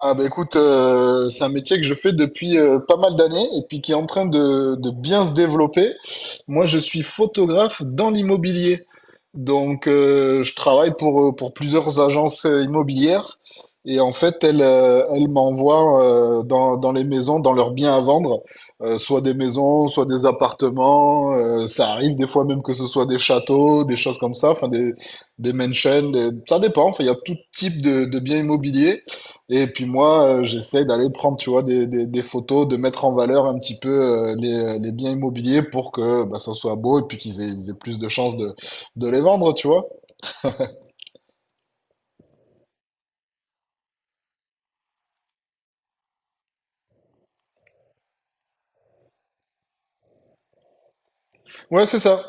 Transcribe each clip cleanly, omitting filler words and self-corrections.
Ah bah écoute, c'est un métier que je fais depuis pas mal d'années et puis qui est en train de bien se développer. Moi, je suis photographe dans l'immobilier. Donc, je travaille pour plusieurs agences immobilières, et en fait, elles, elles m'envoient dans les maisons, dans leurs biens à vendre, soit des maisons, soit des appartements. Ça arrive des fois même que ce soit des châteaux, des choses comme ça, enfin des mansions, ça dépend. Enfin, il y a tout type de biens immobiliers. Et puis moi, j'essaie d'aller prendre, tu vois, des photos, de mettre en valeur un petit peu les biens immobiliers pour que bah, ça soit beau et puis qu'ils aient plus de chances de, les vendre, tu vois. Ouais, c'est ça.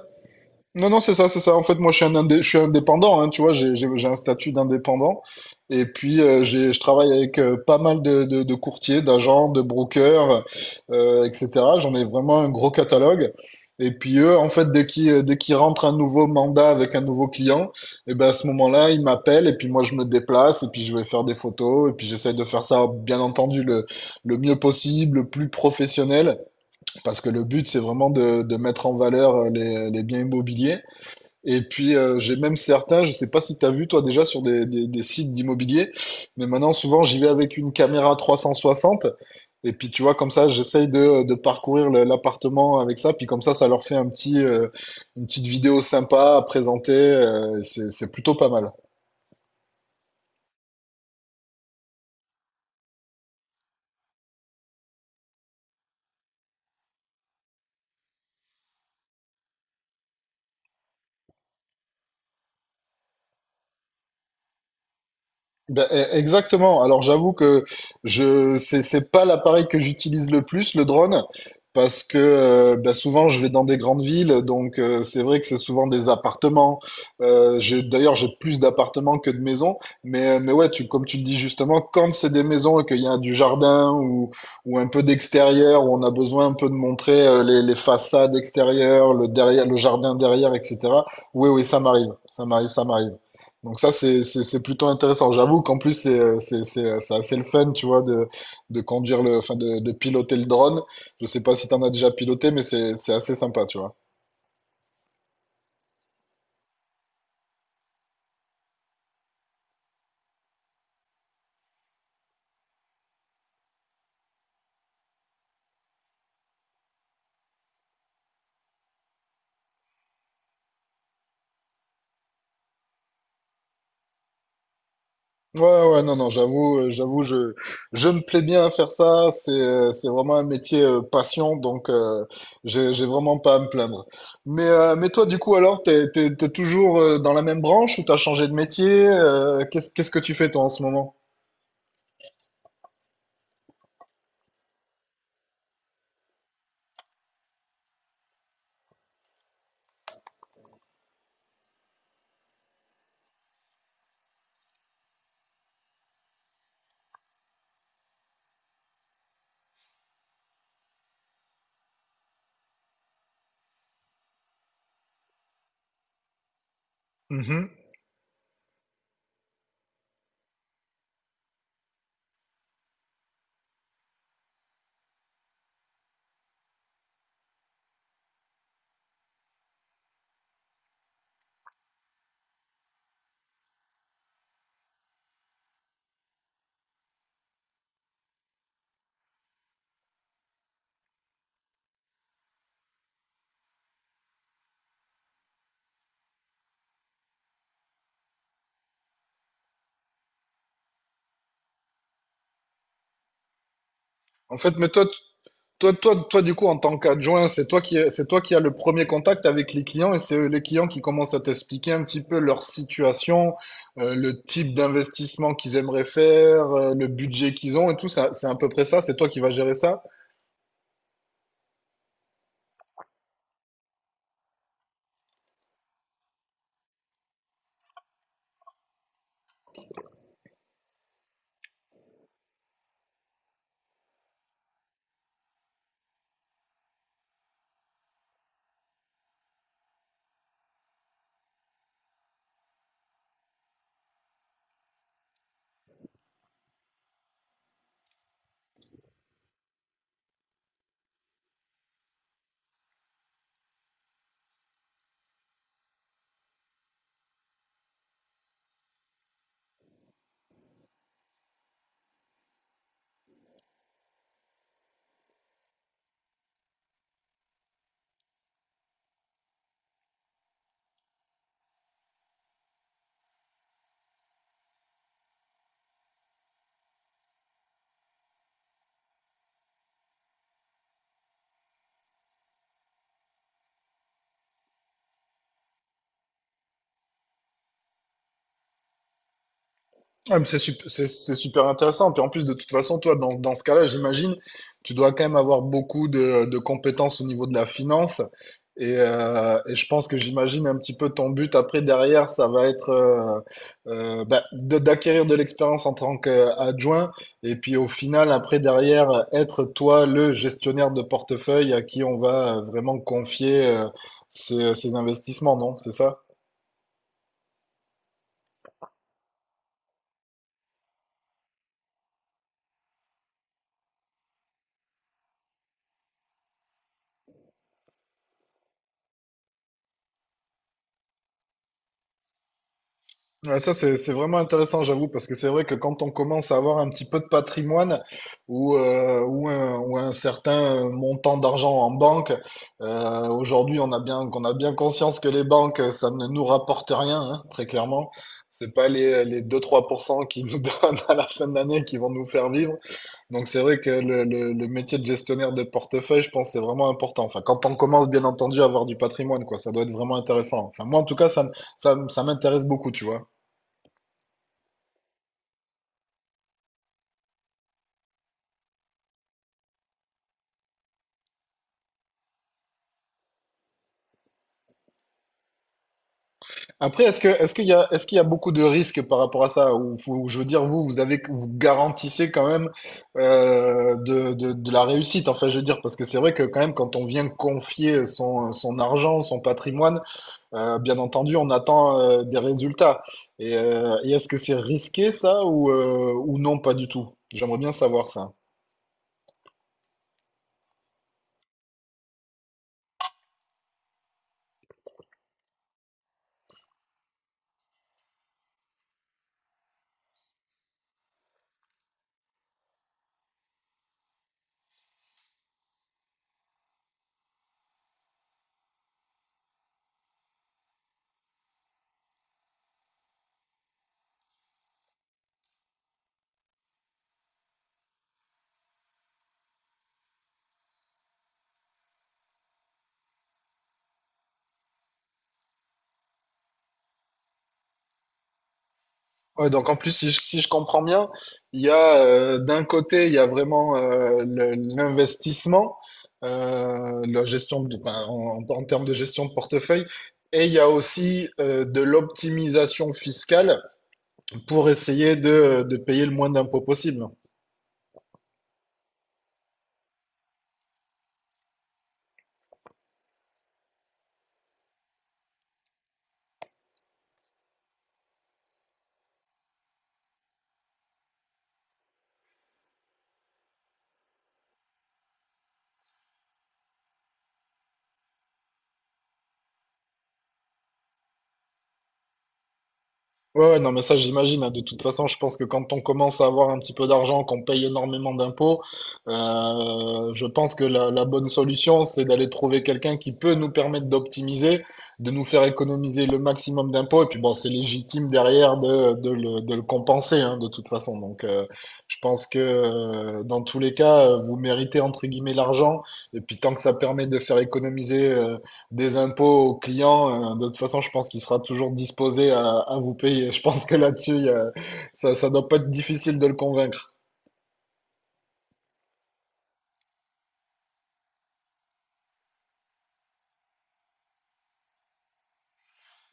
Non, non, c'est ça, c'est ça. En fait, moi, je suis indépendant, hein, tu vois, j'ai un statut d'indépendant. Et puis, je travaille avec pas mal de courtiers, d'agents, de brokers, etc. J'en ai vraiment un gros catalogue. Et puis, eux, en fait, dès qu'ils rentrent un nouveau mandat avec un nouveau client, et ben, à ce moment-là, ils m'appellent et puis moi, je me déplace et puis je vais faire des photos et puis j'essaie de faire ça, bien entendu, le mieux possible, le plus professionnel, parce que le but, c'est vraiment de mettre en valeur les biens immobiliers. Et puis, j'ai même certains, je sais pas si tu as vu toi déjà sur des sites d'immobilier, mais maintenant souvent j'y vais avec une caméra 360. Et puis tu vois, comme ça, j'essaye de parcourir l'appartement avec ça. Puis comme ça leur fait une petite vidéo sympa à présenter. C'est plutôt pas mal. Ben, exactement. Alors j'avoue que je c'est pas l'appareil que j'utilise le plus, le drone, parce que ben, souvent je vais dans des grandes villes, donc c'est vrai que c'est souvent des appartements. D'ailleurs, j'ai plus d'appartements que de maisons, mais ouais, tu comme tu le dis justement, quand c'est des maisons et qu'il y a du jardin ou un peu d'extérieur où on a besoin un peu de montrer les façades extérieures, le derrière, le jardin derrière, etc. Oui oui, ça m'arrive, ça m'arrive, ça m'arrive. Donc ça, c'est plutôt intéressant. J'avoue qu'en plus, c'est assez le fun, tu vois, enfin, de piloter le drone. Je sais pas si t'en as déjà piloté, mais c'est assez sympa, tu vois. Ouais, ouais, ouais, non, non, j'avoue, je me plais bien à faire ça. C'est vraiment un métier passion, donc j'ai vraiment pas à me plaindre. Mais toi, du coup, alors, t'es toujours dans la même branche, ou t'as changé de métier? Qu'est-ce que tu fais, toi, en ce moment? Mhm. En fait, du coup, en tant qu'adjoint, c'est toi qui as le premier contact avec les clients, et c'est eux, les clients, qui commencent à t'expliquer un petit peu leur situation, le type d'investissement qu'ils aimeraient faire, le budget qu'ils ont et tout. C'est à peu près ça. C'est toi qui vas gérer ça. Ah, mais c'est super intéressant. Puis en plus, de toute façon, toi, dans ce cas-là, j'imagine, tu dois quand même avoir beaucoup de compétences au niveau de la finance. Et je pense que j'imagine un petit peu ton but après, derrière, ça va être d'acquérir de l'expérience en tant qu'adjoint. Et puis au final, après, derrière, être toi le gestionnaire de portefeuille à qui on va vraiment confier ces investissements, non? C'est ça? Ouais, ça, c'est vraiment intéressant, j'avoue, parce que c'est vrai que quand on commence à avoir un petit peu de patrimoine ou un certain montant d'argent en banque, aujourd'hui, qu'on a bien conscience que les banques, ça ne nous rapporte rien, hein, très clairement. C'est pas les, 2-3 % qui nous donnent à la fin de l'année qui vont nous faire vivre. Donc, c'est vrai que le métier de gestionnaire de portefeuille, je pense, c'est vraiment important. Enfin, quand on commence, bien entendu, à avoir du patrimoine, quoi, ça doit être vraiment intéressant. Enfin, moi, en tout cas, ça m'intéresse beaucoup, tu vois. Après, est-ce qu'il y a beaucoup de risques par rapport à ça? Ou, je veux dire, vous garantissez quand même de la réussite. Enfin, je veux dire, parce que c'est vrai que quand même, quand on vient confier son argent, son patrimoine, bien entendu, on attend des résultats. Et est-ce que c'est risqué ça, ou non, pas du tout? J'aimerais bien savoir ça. Ouais, donc en plus, si je comprends bien, il y a d'un côté, il y a vraiment l'investissement, la gestion de, ben, en termes de gestion de portefeuille, et il y a aussi de l'optimisation fiscale pour essayer de payer le moins d'impôts possible. Ouais, ouais, non, mais ça, j'imagine, hein. De toute façon, je pense que quand on commence à avoir un petit peu d'argent, qu'on paye énormément d'impôts, je pense que la bonne solution, c'est d'aller trouver quelqu'un qui peut nous permettre d'optimiser, de nous faire économiser le maximum d'impôts. Et puis, bon, c'est légitime derrière de le compenser, hein, de toute façon. Donc, je pense que dans tous les cas, vous méritez, entre guillemets, l'argent. Et puis, tant que ça permet de faire économiser des impôts aux clients, de toute façon, je pense qu'il sera toujours disposé à vous payer. Je pense que là-dessus, ça, ça doit pas être difficile de le convaincre.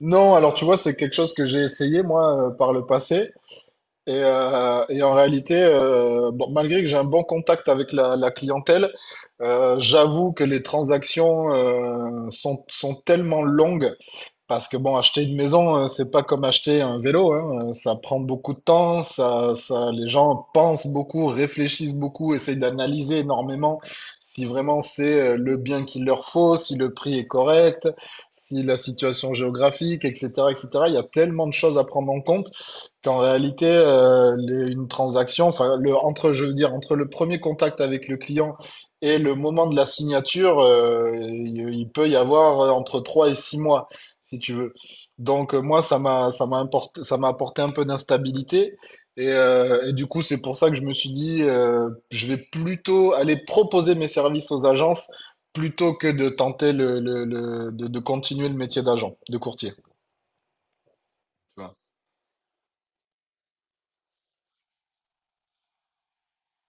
Non, alors tu vois, c'est quelque chose que j'ai essayé moi par le passé. Et en réalité, bon, malgré que j'ai un bon contact avec la clientèle, j'avoue que les transactions sont tellement longues. Parce que bon, acheter une maison, c'est pas comme acheter un vélo, hein. Ça prend beaucoup de temps, les gens pensent beaucoup, réfléchissent beaucoup, essayent d'analyser énormément si vraiment c'est le bien qu'il leur faut, si le prix est correct, aussi la situation géographique, etc., etc. Il y a tellement de choses à prendre en compte qu'en réalité, une transaction, enfin, entre, je veux dire, entre le premier contact avec le client et le moment de la signature, il peut y avoir entre 3 et 6 mois, si tu veux. Donc, moi, ça m'a apporté un peu d'instabilité. Et du coup, c'est pour ça que je me suis dit, je vais plutôt aller proposer mes services aux agences plutôt que de tenter de continuer le métier d'agent, de courtier, tu vois.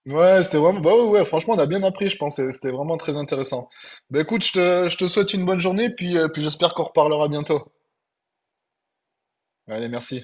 Ouais, c'était vraiment, bah ouais, ouais, franchement, on a bien appris, je pense, et c'était vraiment très intéressant. Bah écoute, je te souhaite une bonne journée, puis, puis j'espère qu'on reparlera bientôt. Allez, merci.